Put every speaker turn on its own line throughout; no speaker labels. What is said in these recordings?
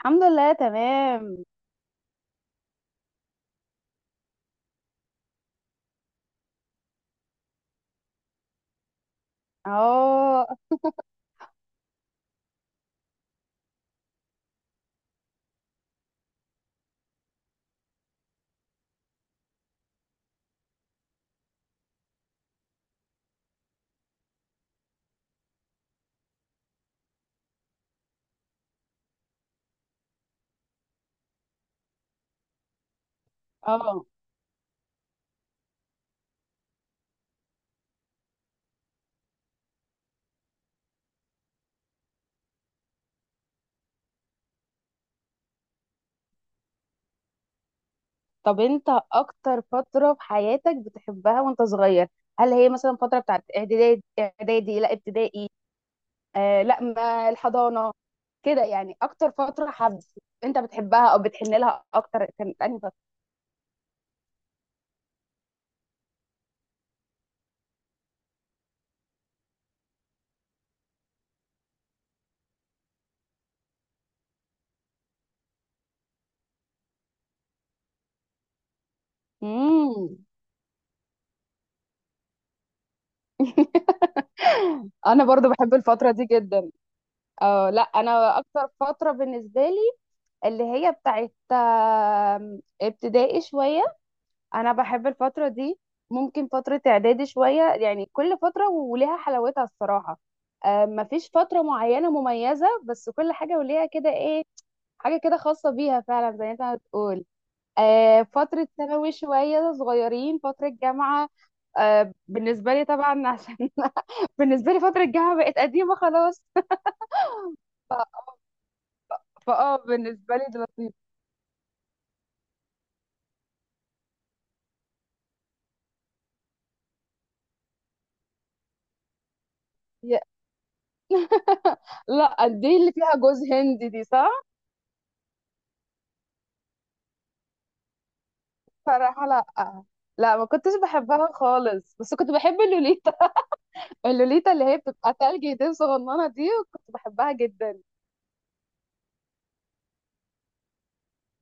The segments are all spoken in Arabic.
الحمد لله، تمام. اه. اه. طب انت اكتر فترة في حياتك بتحبها وانت صغير؟ هل هي مثلا فترة بتاعت اعدادي اعدادي لا ابتدائي؟ آه لا ما الحضانة، كده يعني اكتر فترة حب انت بتحبها او بتحن لها اكتر كانت انهي فترة؟ امم. انا برضو بحب الفترة دي جدا. اه لا انا اكتر فترة بالنسبة لي اللي هي بتاعت ابتدائي شوية. انا بحب الفتره دي، ممكن فتره اعدادي شويه، يعني كل فتره وليها حلاوتها الصراحه. مفيش فتره معينه مميزه، بس كل حاجه وليها كده ايه، حاجه كده خاصه بيها فعلا زي ما انت بتقول. فتره ثانوي شويه صغيرين، فتره جامعه. بالنسبه لي طبعا عشان بالنسبه لي فتره الجامعه بقت قديمه خلاص. فاه بالنسبه لي دلوقتي. لا، دي اللي فيها جوز هندي دي، صح؟ صراحة لأ. لا ما كنتش بحبها خالص، بس كنت بحب اللوليتا. اللوليتا اللي هي بتبقى تلج دي صغننة، دي كنت بحبها جدا.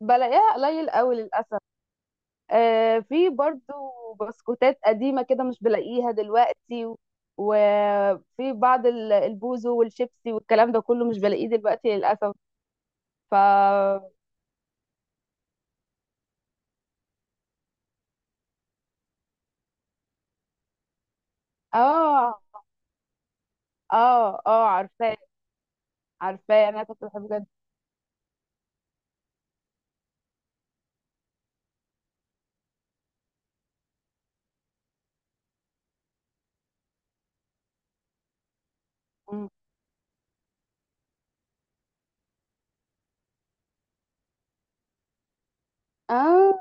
بلاقيها قليل قوي للأسف. آه في برضو بسكوتات قديمة كده مش بلاقيها دلوقتي وفي بعض البوزو والشيبسي والكلام ده كله مش بلاقيه دلوقتي للأسف. ف. اه. اه. اه. عارفاه. عارفاه انا كنت بحبه جدا. مم. اه.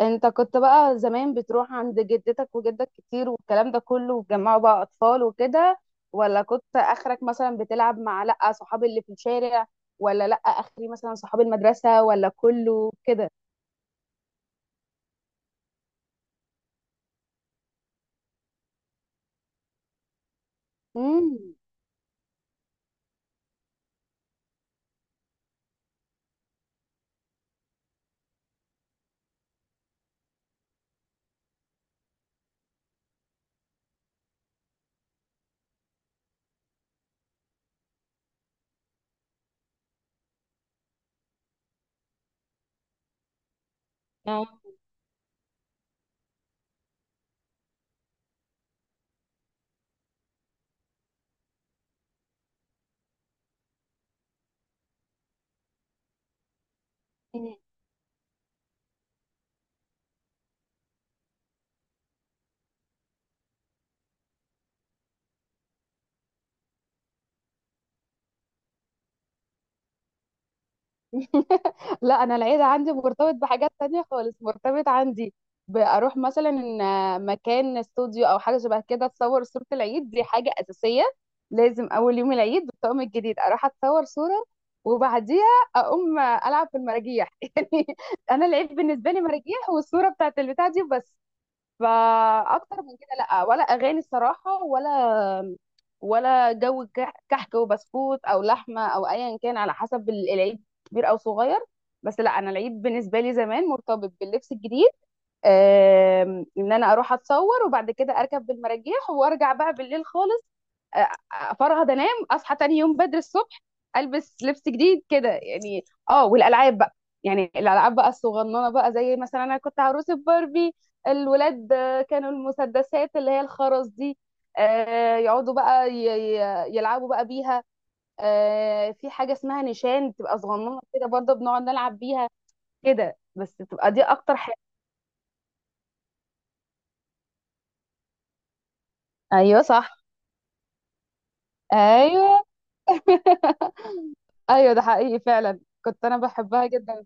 انت كنت بقى زمان بتروح عند جدتك وجدك كتير والكلام ده كله، وتجمعوا بقى اطفال وكده، ولا كنت اخرك مثلا بتلعب مع لا صحابي اللي في الشارع، ولا لا اخري مثلا صحاب المدرسة ولا كله كده؟ امم. لا انا العيد عندي مرتبط بحاجات تانية خالص، مرتبط عندي بأروح مثلا إن مكان استوديو او حاجه شبه كده اتصور صوره، العيد دي حاجه اساسيه. لازم اول يوم العيد بالطقم الجديد اروح اتصور صوره، وبعديها اقوم العب في المراجيح يعني. انا العيد بالنسبه لي مراجيح والصوره بتاعت البتاع دي بس. فاكتر من كده لا، ولا اغاني الصراحه، ولا جو كحك وبسكوت او لحمه او ايا كان على حسب العيد، كبير او صغير. بس لا انا العيد بالنسبه لي زمان مرتبط باللبس الجديد. ان انا اروح اتصور وبعد كده اركب بالمراجيح وارجع بقى بالليل خالص، افرهد انام اصحى تاني يوم بدري الصبح البس لبس جديد كده يعني. اه والالعاب بقى، يعني الالعاب بقى الصغننه بقى، زي مثلا انا كنت عروسه باربي. الولاد كانوا المسدسات اللي هي الخرز دي. يقعدوا بقى يلعبوا بقى بيها. في حاجه اسمها نشان بتبقى صغننه كده برضه بنقعد نلعب بيها. كده بس، بتبقى دي اكتر حاجه. ايوه صح. ايوه. ايوه ده حقيقي فعلا. كنت انا بحبها جدا.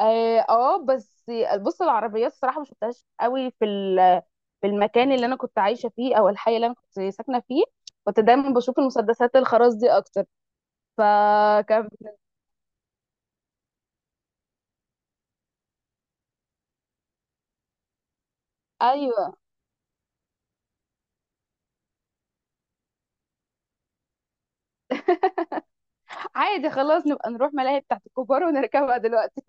اه بس بص العربيات الصراحه ما شفتهاش قوي في في المكان اللي انا كنت عايشه فيه او الحي اللي انا كنت ساكنه فيه. كنت دايما بشوف المسدسات الخرز دي اكتر. فكان. ايوه. عادي خلاص، نبقى نروح ملاهي بتاعت الكبار ونركبها دلوقتي.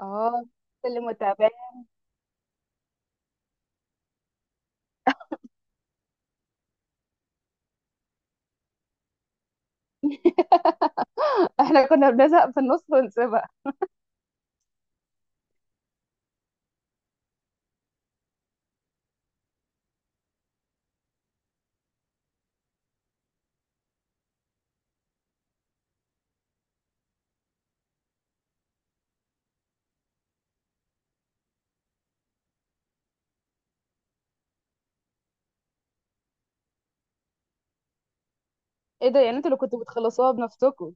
اه اللي متابعين. احنا كنا بنزهق في النص ونسيبها. ايه ده، يعني انتوا اللي كنتوا بتخلصوها بنفسكم؟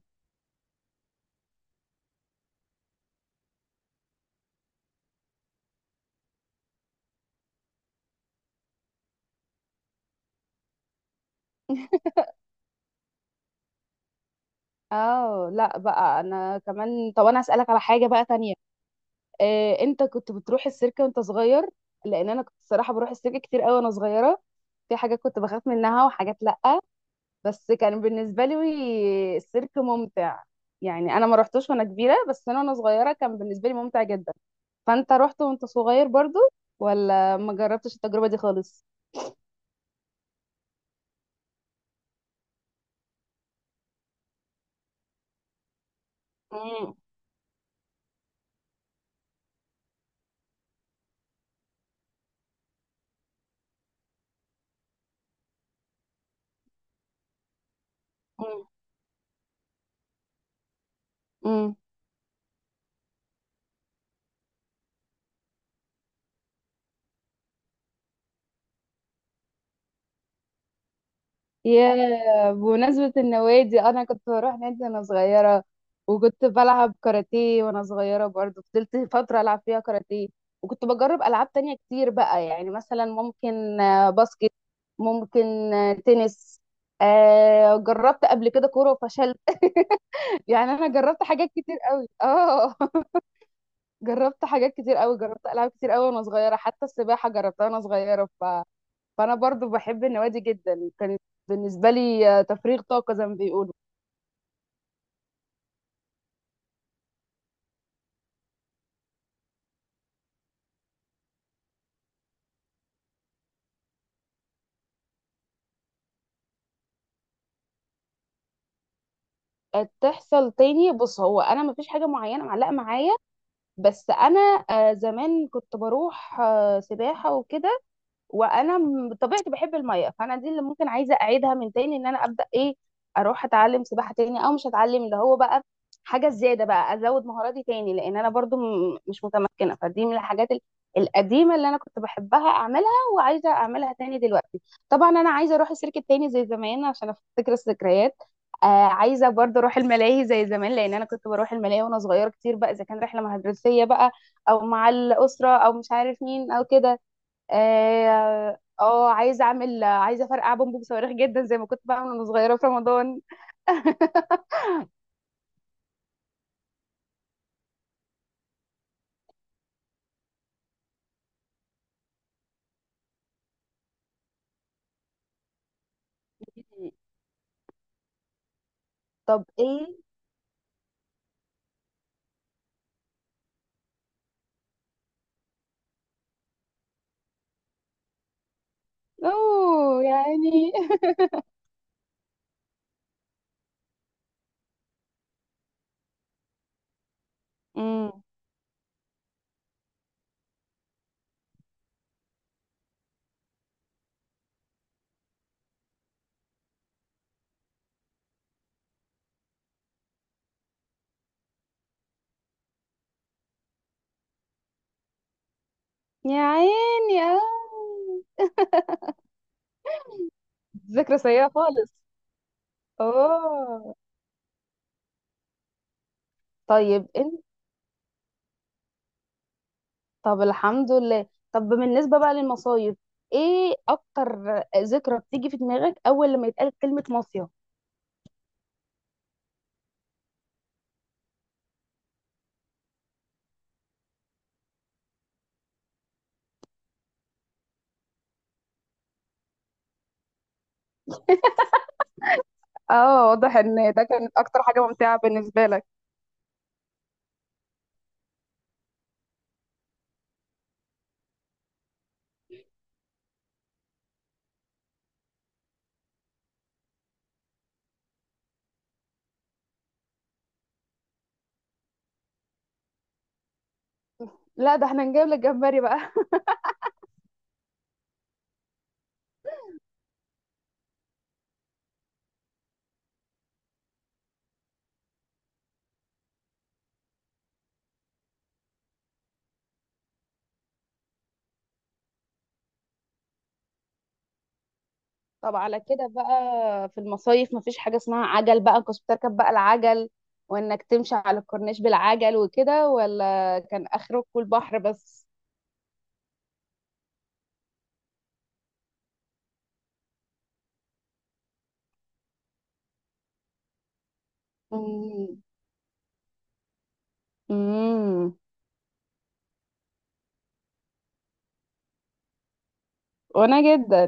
اه لا بقى انا كمان، طب انا اسالك على حاجه بقى تانية. انت كنت بتروح السيرك وانت صغير؟ لان انا كنت الصراحه بروح السيرك كتير قوي وانا صغيره. في حاجات كنت بخاف منها وحاجات لا، بس كان بالنسبه لي السيرك ممتع. يعني انا ما رحتوش وانا كبيره، بس انا وانا صغيره كان بالنسبه لي ممتع جدا. فانت رحت وانت صغير برضو، ولا ما جربتش التجربه دي خالص؟ امم. يا بمناسبة النوادي، أنا كنت بروح نادي وأنا صغيرة وكنت بلعب كاراتيه وأنا صغيرة، برضو فضلت فترة ألعب فيها كاراتيه. وكنت بجرب ألعاب تانية كتير بقى، يعني مثلا ممكن باسكت، ممكن تنس، جربت قبل كده كورة وفشلت يعني. أنا جربت حاجات كتير قوي اه جربت حاجات كتير قوي، جربت ألعاب كتير قوي وأنا صغيرة، حتى السباحة جربتها وأنا صغيرة. فانا برضو بحب النوادي جدا، كانت بالنسبه لي تفريغ طاقه زي ما بيقولوا. تحصل تاني؟ بص هو انا مفيش حاجه معينه معلقه معايا، بس انا زمان كنت بروح سباحه وكده، وانا بطبيعتي بحب الميه، فانا دي اللي ممكن عايزه اعيدها من تاني، ان انا ابدا ايه، اروح اتعلم سباحه تاني، او مش هتعلم اللي هو بقى حاجه زياده بقى، ازود مهاراتي تاني لان انا برضو مش متمكنه، فدي من الحاجات القديمه اللي انا كنت بحبها اعملها وعايزه اعملها تاني دلوقتي. طبعا انا عايزه اروح السيرك تاني زي زمان عشان افتكر الذكريات. آه عايزه برضو اروح الملاهي زي زمان، لان انا كنت بروح الملاهي وانا صغيره كتير بقى، اذا كان رحله مدرسيه بقى او مع الاسره او مش عارف مين او كده. اه عايزه اعمل عايزه افرقع بومبو بصواريخ جدا زي ما كنت بعمل وانا صغيره في رمضان. طب ايه؟ اوه يعني. امم. يا عيني آه. ذكرى سيئه خالص. اوه. طيب انت، طب الحمد لله. طب بالنسبة بقى للمصايف، ايه اكتر ذكرى بتيجي في دماغك اول لما يتقال كلمة مصيف؟ اه واضح ان ده كانت اكتر حاجه ممتعه بالنسبه لك. لا ده احنا نجيب لك جمبري بقى. طب على كده بقى في المصايف، مفيش حاجة اسمها عجل بقى؟ كنت بتركب بقى العجل وانك تمشي على الكورنيش بالعجل وكده، ولا كان اخركوا البحر بس؟ امم. امم. وانا جدا.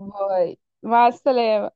باي. مع السلامة.